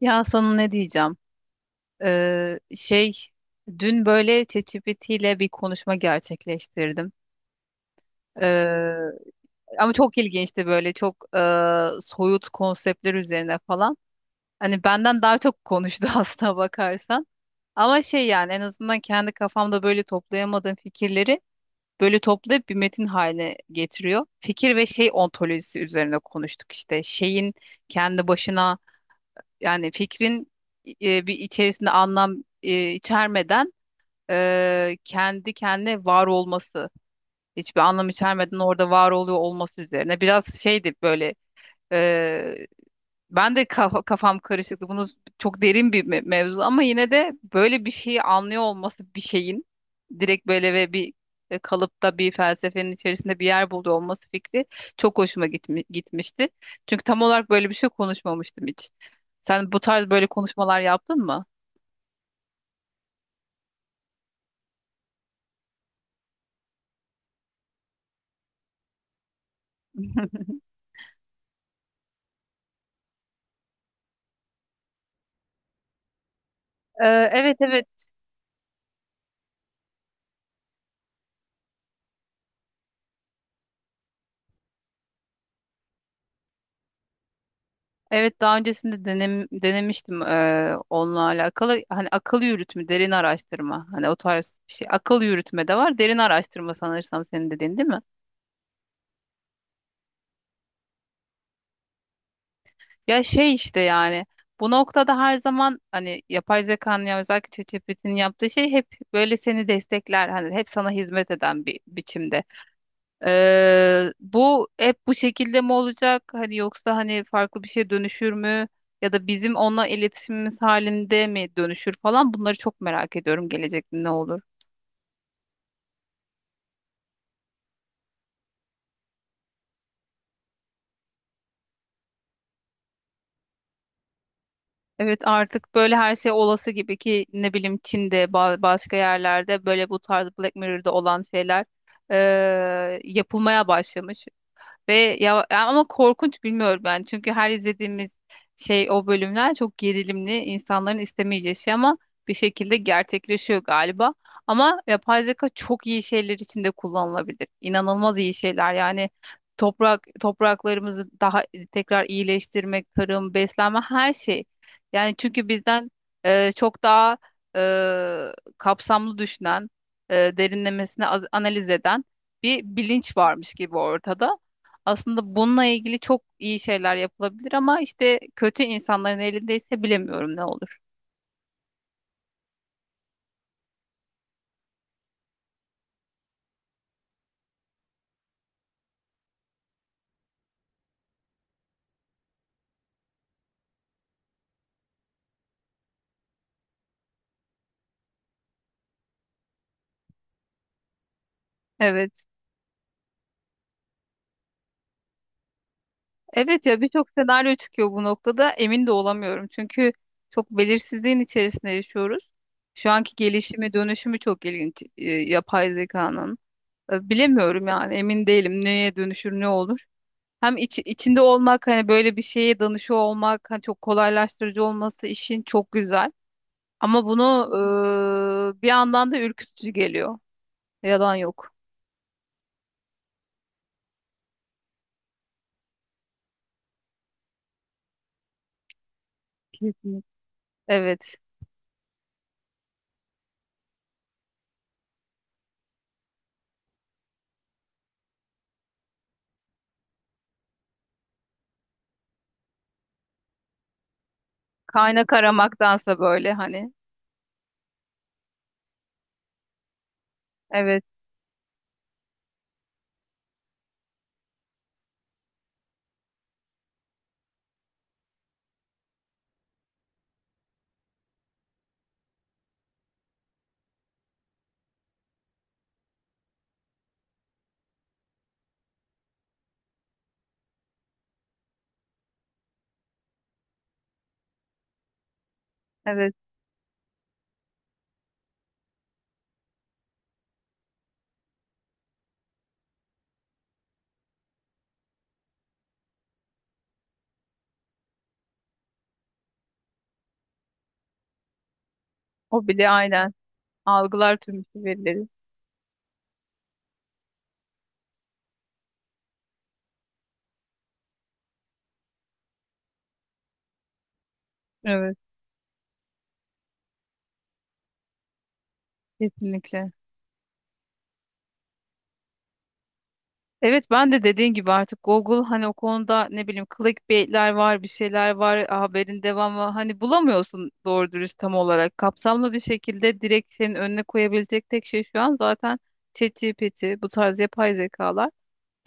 Ya sana ne diyeceğim? Şey dün böyle ChatGPT ile bir konuşma gerçekleştirdim. Ee, ama çok ilginçti böyle çok soyut konseptler üzerine falan. Hani benden daha çok konuştu aslına bakarsan. Ama şey yani en azından kendi kafamda böyle toplayamadığım fikirleri böyle toplayıp bir metin haline getiriyor. Fikir ve şey ontolojisi üzerine konuştuk işte. Şeyin kendi başına, yani fikrin, bir içerisinde anlam içermeden, kendi kendine var olması, hiçbir anlam içermeden orada var oluyor olması üzerine. Biraz şeydi böyle. e, Ben de kafam karışıktı. Bunu çok derin bir mevzu ama yine de böyle bir şeyi anlıyor olması, bir şeyin direkt böyle ve bir kalıpta bir felsefenin içerisinde bir yer buluyor olması fikri çok hoşuma gitmişti. Çünkü tam olarak böyle bir şey konuşmamıştım hiç. Sen bu tarz böyle konuşmalar yaptın mı? Ee, evet, evet. Evet, daha öncesinde denemiştim onunla alakalı hani akıl yürütme, derin araştırma. Hani o tarz bir şey, akıl yürütme de var, derin araştırma sanırsam senin dediğin, değil mi? Ya şey işte yani bu noktada her zaman hani yapay zekanın, ya özellikle ChatGPT'nin yaptığı şey hep böyle seni destekler hani, hep sana hizmet eden bir biçimde. Bu hep bu şekilde mi olacak hani, yoksa hani farklı bir şeye dönüşür mü ya da bizim onunla iletişimimiz halinde mi dönüşür falan? Bunları çok merak ediyorum, gelecekte ne olur. Evet, artık böyle her şey olası gibi. Ki ne bileyim, Çin'de başka yerlerde böyle bu tarz Black Mirror'da olan şeyler yapılmaya başlamış. Ve ya ama korkunç, bilmiyorum ben. Çünkü her izlediğimiz şey, o bölümler çok gerilimli, insanların istemeyeceği şey ama bir şekilde gerçekleşiyor galiba. Ama yapay zeka çok iyi şeyler için de kullanılabilir. İnanılmaz iyi şeyler. Yani topraklarımızı daha, tekrar iyileştirmek, tarım, beslenme, her şey. Yani çünkü bizden çok daha kapsamlı düşünen, derinlemesine analiz eden bir bilinç varmış gibi ortada. Aslında bununla ilgili çok iyi şeyler yapılabilir ama işte kötü insanların elindeyse bilemiyorum ne olur. Evet. Evet, ya birçok senaryo çıkıyor bu noktada. Emin de olamıyorum. Çünkü çok belirsizliğin içerisinde yaşıyoruz. Şu anki gelişimi, dönüşümü çok ilginç yapay zekanın. Bilemiyorum yani, emin değilim neye dönüşür, ne olur. Hem içinde olmak, hani böyle bir şeye danışıyor olmak, hani çok kolaylaştırıcı olması işin çok güzel. Ama bunu bir yandan da ürkütücü geliyor. Yalan yok. Kesin. Evet. Kaynak aramaktansa böyle hani. Evet, evet. O bile, aynen. Algılar tüm verileri. Evet, kesinlikle. Evet, ben de dediğin gibi artık Google hani o konuda ne bileyim, clickbaitler var, bir şeyler var, haberin devamı hani bulamıyorsun doğru dürüst tam olarak. Kapsamlı bir şekilde direkt senin önüne koyabilecek tek şey şu an zaten ChatGPT, bu tarz yapay zekalar.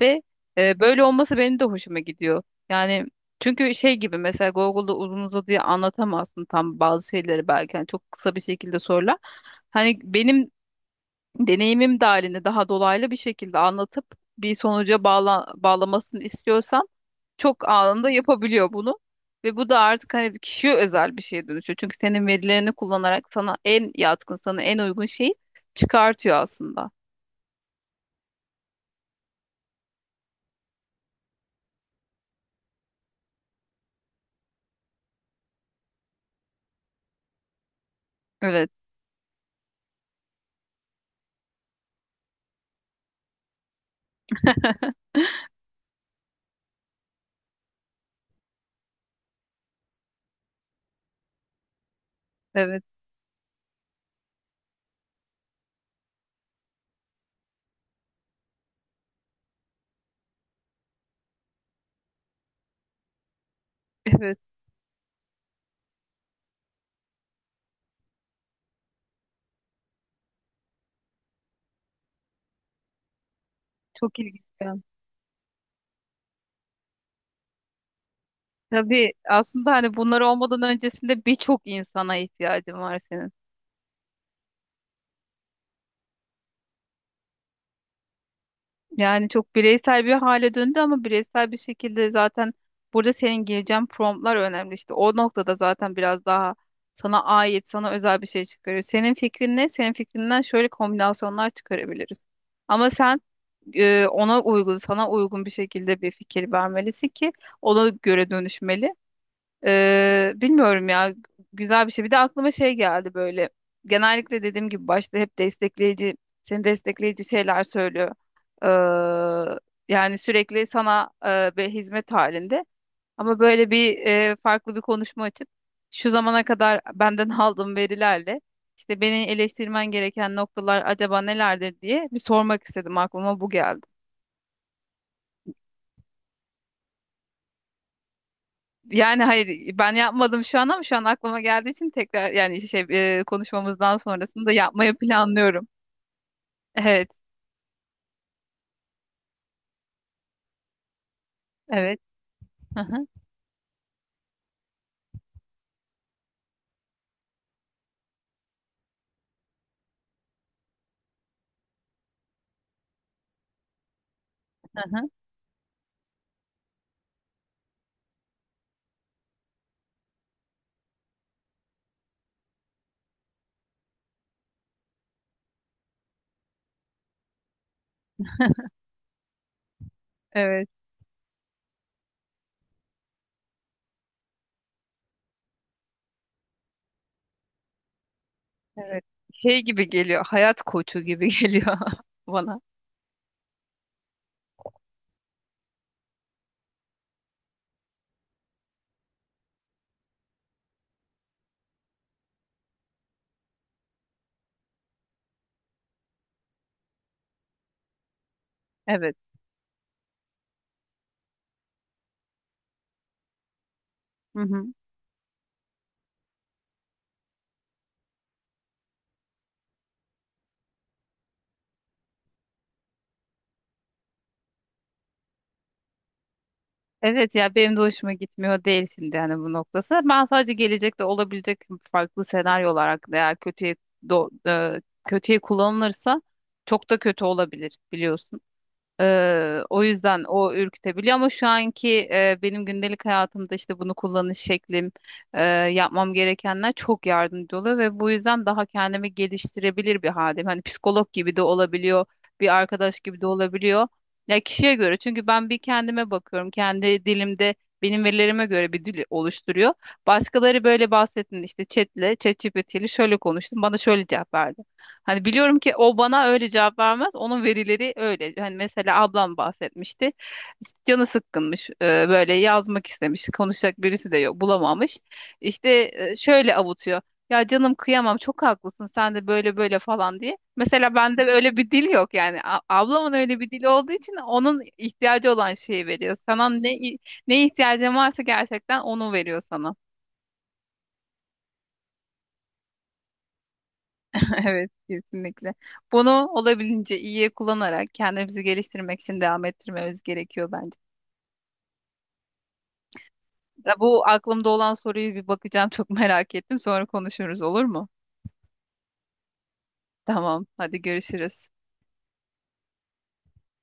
Ve böyle olması benim de hoşuma gidiyor. Yani çünkü şey gibi, mesela Google'da uzun uzadıya anlatamazsın tam bazı şeyleri belki. Yani çok kısa bir şekilde sorular. Hani benim deneyimim dahilinde daha dolaylı bir şekilde anlatıp bir sonuca bağlamasını istiyorsam çok anında yapabiliyor bunu. Ve bu da artık hani kişiye özel bir şeye dönüşüyor. Çünkü senin verilerini kullanarak sana en yatkın, sana en uygun şeyi çıkartıyor aslında. Evet, evet, evet. Çok ilginç. Tabii aslında hani bunlar olmadan öncesinde birçok insana ihtiyacın var senin. Yani çok bireysel bir hale döndü ama bireysel bir şekilde zaten burada senin gireceğin promptlar önemli. İşte o noktada zaten biraz daha sana ait, sana özel bir şey çıkarıyor. Senin fikrin ne? Senin fikrinden şöyle kombinasyonlar çıkarabiliriz. Ama sen ona uygun, sana uygun bir şekilde bir fikir vermelisin ki ona göre dönüşmeli. Bilmiyorum ya, güzel bir şey. Bir de aklıma şey geldi böyle. Genellikle dediğim gibi başta hep destekleyici, seni destekleyici şeyler söylüyor. Ee, yani sürekli sana bir hizmet halinde. Ama böyle bir farklı bir konuşma açıp şu zamana kadar benden aldığım verilerle işte beni eleştirmen gereken noktalar acaba nelerdir diye bir sormak istedim. Aklıma bu geldi. Yani hayır, ben yapmadım şu an ama şu an aklıma geldiği için tekrar, yani şey, konuşmamızdan sonrasında yapmayı planlıyorum. Evet, evet. Hı hı, hı hı. Evet, evet. Şey gibi geliyor. Hayat koçu gibi geliyor bana. Evet. Hı hı. Evet, ya benim de hoşuma gitmiyor değil şimdi yani bu noktası. Ben sadece gelecekte olabilecek farklı senaryolar hakkında, eğer kötüye do- e, kötüye kullanılırsa çok da kötü olabilir biliyorsun. O yüzden o ürkütebiliyor ama şu anki benim gündelik hayatımda işte bunu kullanış şeklim, eee, yapmam gerekenler çok yardımcı oluyor ve bu yüzden daha kendimi geliştirebilir bir haldeyim. Hani psikolog gibi de olabiliyor, bir arkadaş gibi de olabiliyor. Ya kişiye göre, çünkü ben bir kendime bakıyorum, kendi dilimde benim verilerime göre bir dil oluşturuyor. Başkaları böyle bahsettin işte ChatGPT ile şöyle konuştum, bana şöyle cevap verdi. Hani biliyorum ki o bana öyle cevap vermez. Onun verileri öyle. Hani mesela ablam bahsetmişti. İşte canı sıkkınmış. Böyle yazmak istemiş. Konuşacak birisi de yok. Bulamamış. İşte şöyle avutuyor. Ya canım, kıyamam, çok haklısın sen de, böyle böyle falan diye. Mesela bende öyle bir dil yok yani. Ablamın öyle bir dili olduğu için onun ihtiyacı olan şeyi veriyor. Sana ne, ihtiyacın varsa gerçekten onu veriyor sana. Evet, kesinlikle. Bunu olabildiğince iyiye kullanarak kendimizi geliştirmek için devam ettirmemiz gerekiyor bence. Ya bu aklımda olan soruyu bir bakacağım. Çok merak ettim. Sonra konuşuruz, olur mu? Tamam, hadi görüşürüz.